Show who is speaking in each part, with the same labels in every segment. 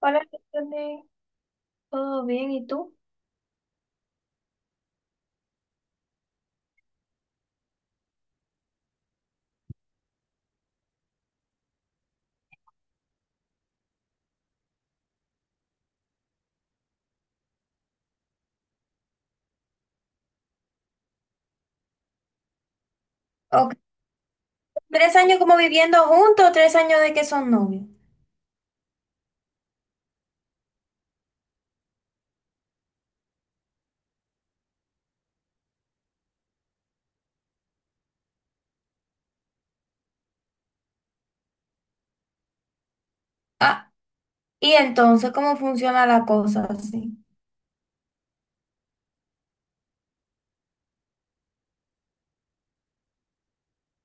Speaker 1: Hola, Stephanie. ¿Todo bien? ¿Y tú? Ok. Tres años como viviendo juntos, tres años de que son novios. Ah, y entonces, ¿cómo funciona la cosa así?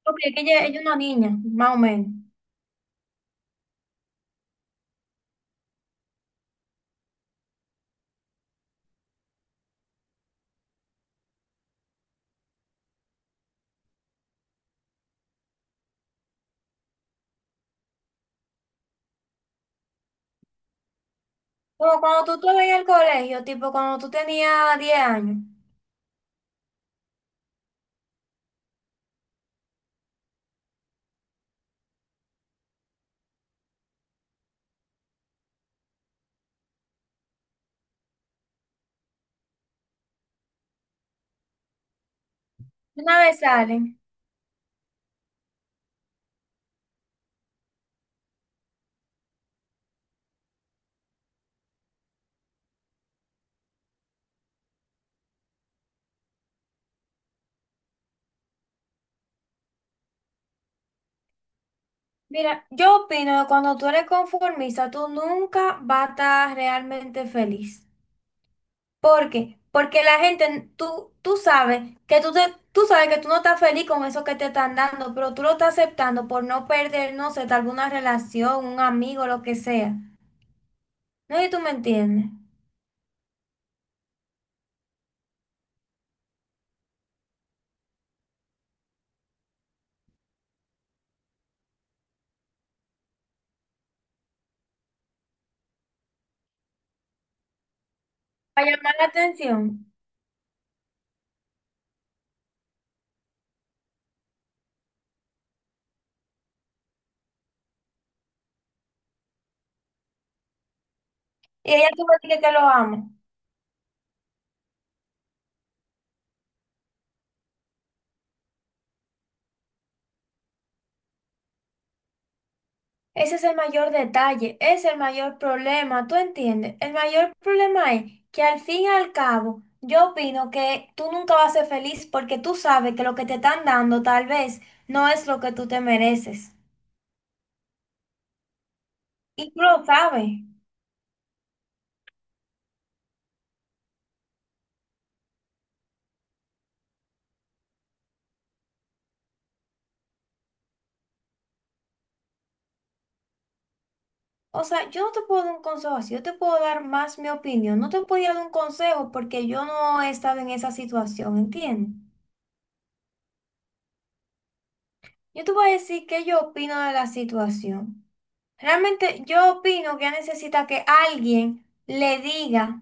Speaker 1: Porque es que ella es una niña, más o menos. Como cuando tú estabas en el colegio, tipo cuando tú tenías 10 años. Una vez salen. Mira, yo opino que cuando tú eres conformista, tú nunca vas a estar realmente feliz. ¿Por qué? Porque la gente, tú sabes que tú sabes que tú no estás feliz con eso que te están dando, pero tú lo estás aceptando por no perder, no sé, tal vez una relación, un amigo, lo que sea. No sé si tú me entiendes. Para llamar la atención. Y ella tú me dices que lo amo. Ese es el mayor detalle, es el mayor problema, ¿tú entiendes? El mayor problema es que al fin y al cabo, yo opino que tú nunca vas a ser feliz porque tú sabes que lo que te están dando tal vez no es lo que tú te mereces. Y tú lo sabes. O sea, yo no te puedo dar un consejo así, yo te puedo dar más mi opinión. No te podía dar un consejo porque yo no he estado en esa situación, ¿entiendes? Yo te voy a decir qué yo opino de la situación. Realmente yo opino que ella necesita que alguien le diga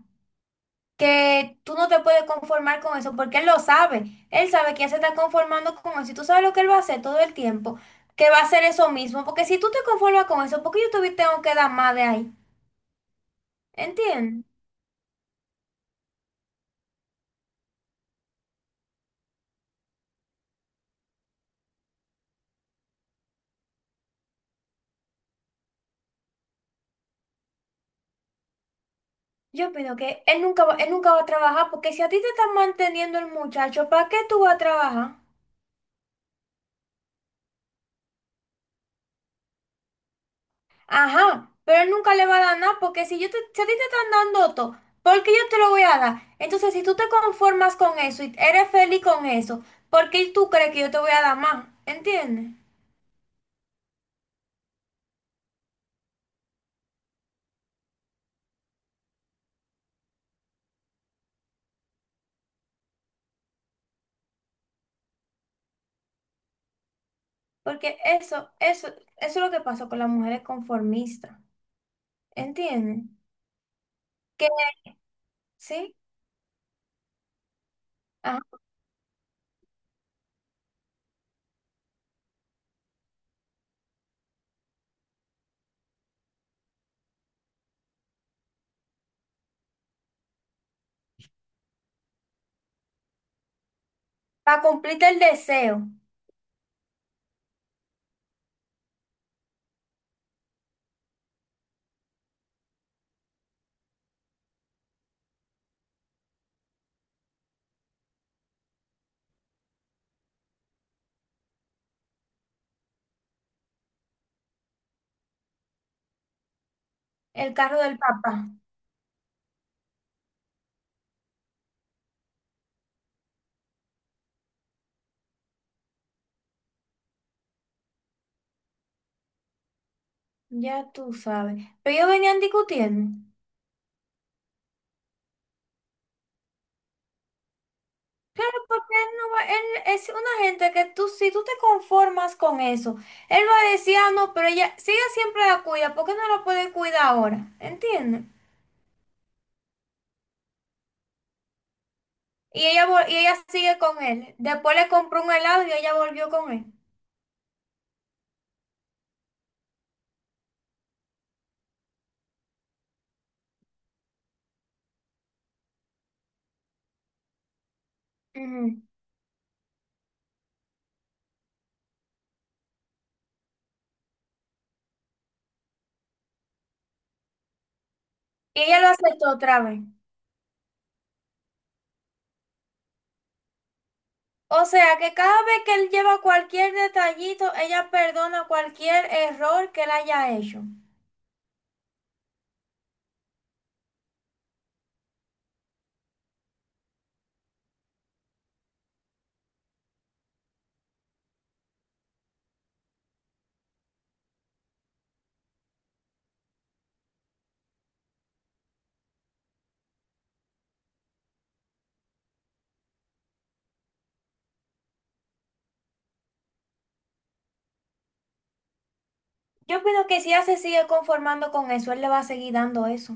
Speaker 1: que tú no te puedes conformar con eso porque él lo sabe. Él sabe que ya se está conformando con eso y tú sabes lo que él va a hacer todo el tiempo, que va a hacer eso mismo. Porque si tú te conformas con eso, ¿por qué yo te tengo que dar más de ahí? ¿Entiendes? Yo opino que él nunca va a trabajar porque si a ti te están manteniendo el muchacho, ¿para qué tú vas a trabajar? Ajá, pero él nunca le va a dar nada porque si yo te, si a ti te están dando todo, ¿por qué yo te lo voy a dar? Entonces, si tú te conformas con eso y eres feliz con eso, ¿por qué tú crees que yo te voy a dar más? ¿Entiendes? Porque eso es lo que pasa con las mujeres conformistas. ¿Entiendes? Que sí, ajá, para cumplirte el deseo, el carro del papá. Ya tú sabes. Pero ellos venían discutiendo. Claro, porque él, no va- él es una gente que tú, si tú te conformas con eso, él va a decir, ah, no, pero ella, si ella siempre la cuida, ¿por qué no la puede cuidar ahora? ¿Entiendes? Y ella, y ella sigue con él. Después le compró un helado y ella volvió con él. Ujú. Y ella lo aceptó otra vez. O sea que cada vez que él lleva cualquier detallito, ella perdona cualquier error que él haya hecho. Yo opino que si ella se sigue conformando con eso, él le va a seguir dando eso.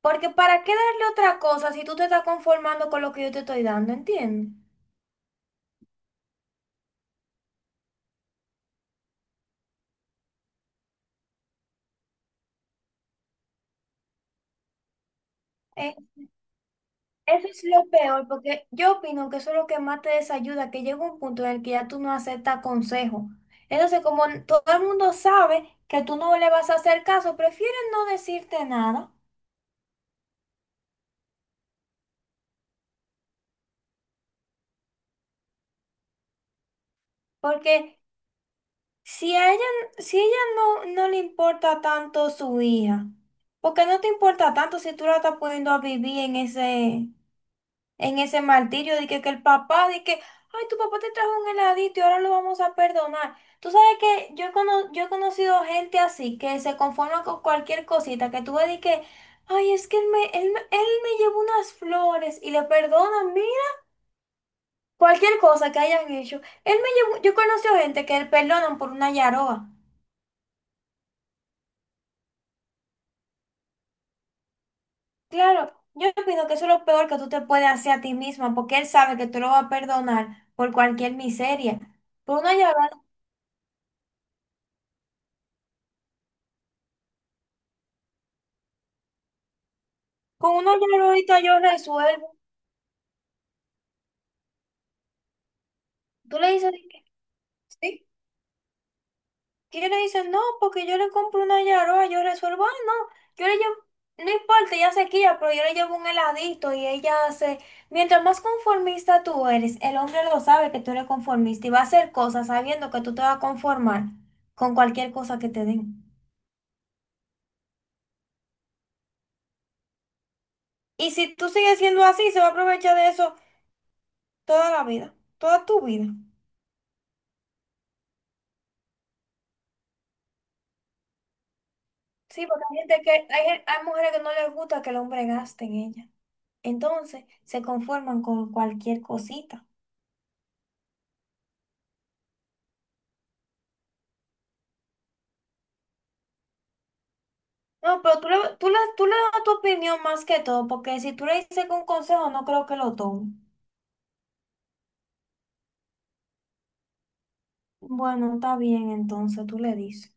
Speaker 1: Porque ¿para qué darle otra cosa si tú te estás conformando con lo que yo te estoy dando? ¿Entiendes? Eh, eso es lo peor, porque yo opino que eso es lo que más te desayuda, que llega un punto en el que ya tú no aceptas consejo. Entonces, como todo el mundo sabe que tú no le vas a hacer caso, prefieren no decirte nada, porque si a ella, si ella no le importa tanto su hija, porque no te importa tanto si tú la estás poniendo a vivir en ese martirio de que el papá, de que, ay, tu papá te trajo un heladito y ahora lo vamos a perdonar. Tú sabes que yo he conocido gente así, que se conforma con cualquier cosita, que tú ves de que, ay, es que él me llevó unas flores y le perdonan, mira, cualquier cosa que hayan hecho. Él me llevó, yo he conocido gente que le perdonan por una yaroa. Claro, yo opino que eso es lo peor que tú te puedes hacer a ti misma, porque él sabe que tú lo vas a perdonar por cualquier miseria. Por una llorona, con una lloradita yo resuelvo. Tú le dices, de que, ¿sí? Y él le dice, no, porque yo le compro una llorona, yo resuelvo. Ah, no, yo le llevo, no importa, ya se quilla, pero yo le llevo un heladito y ella hace. Mientras más conformista tú eres, el hombre lo sabe que tú eres conformista y va a hacer cosas sabiendo que tú te vas a conformar con cualquier cosa que te den. Y si tú sigues siendo así, se va a aprovechar de eso toda la vida, toda tu vida. Sí, porque hay gente que, hay mujeres que no les gusta que el hombre gaste en ella. Entonces, se conforman con cualquier cosita. No, pero tú le das tu opinión más que todo, porque si tú le dices un consejo, no creo que lo tome. Bueno, está bien, entonces tú le dices.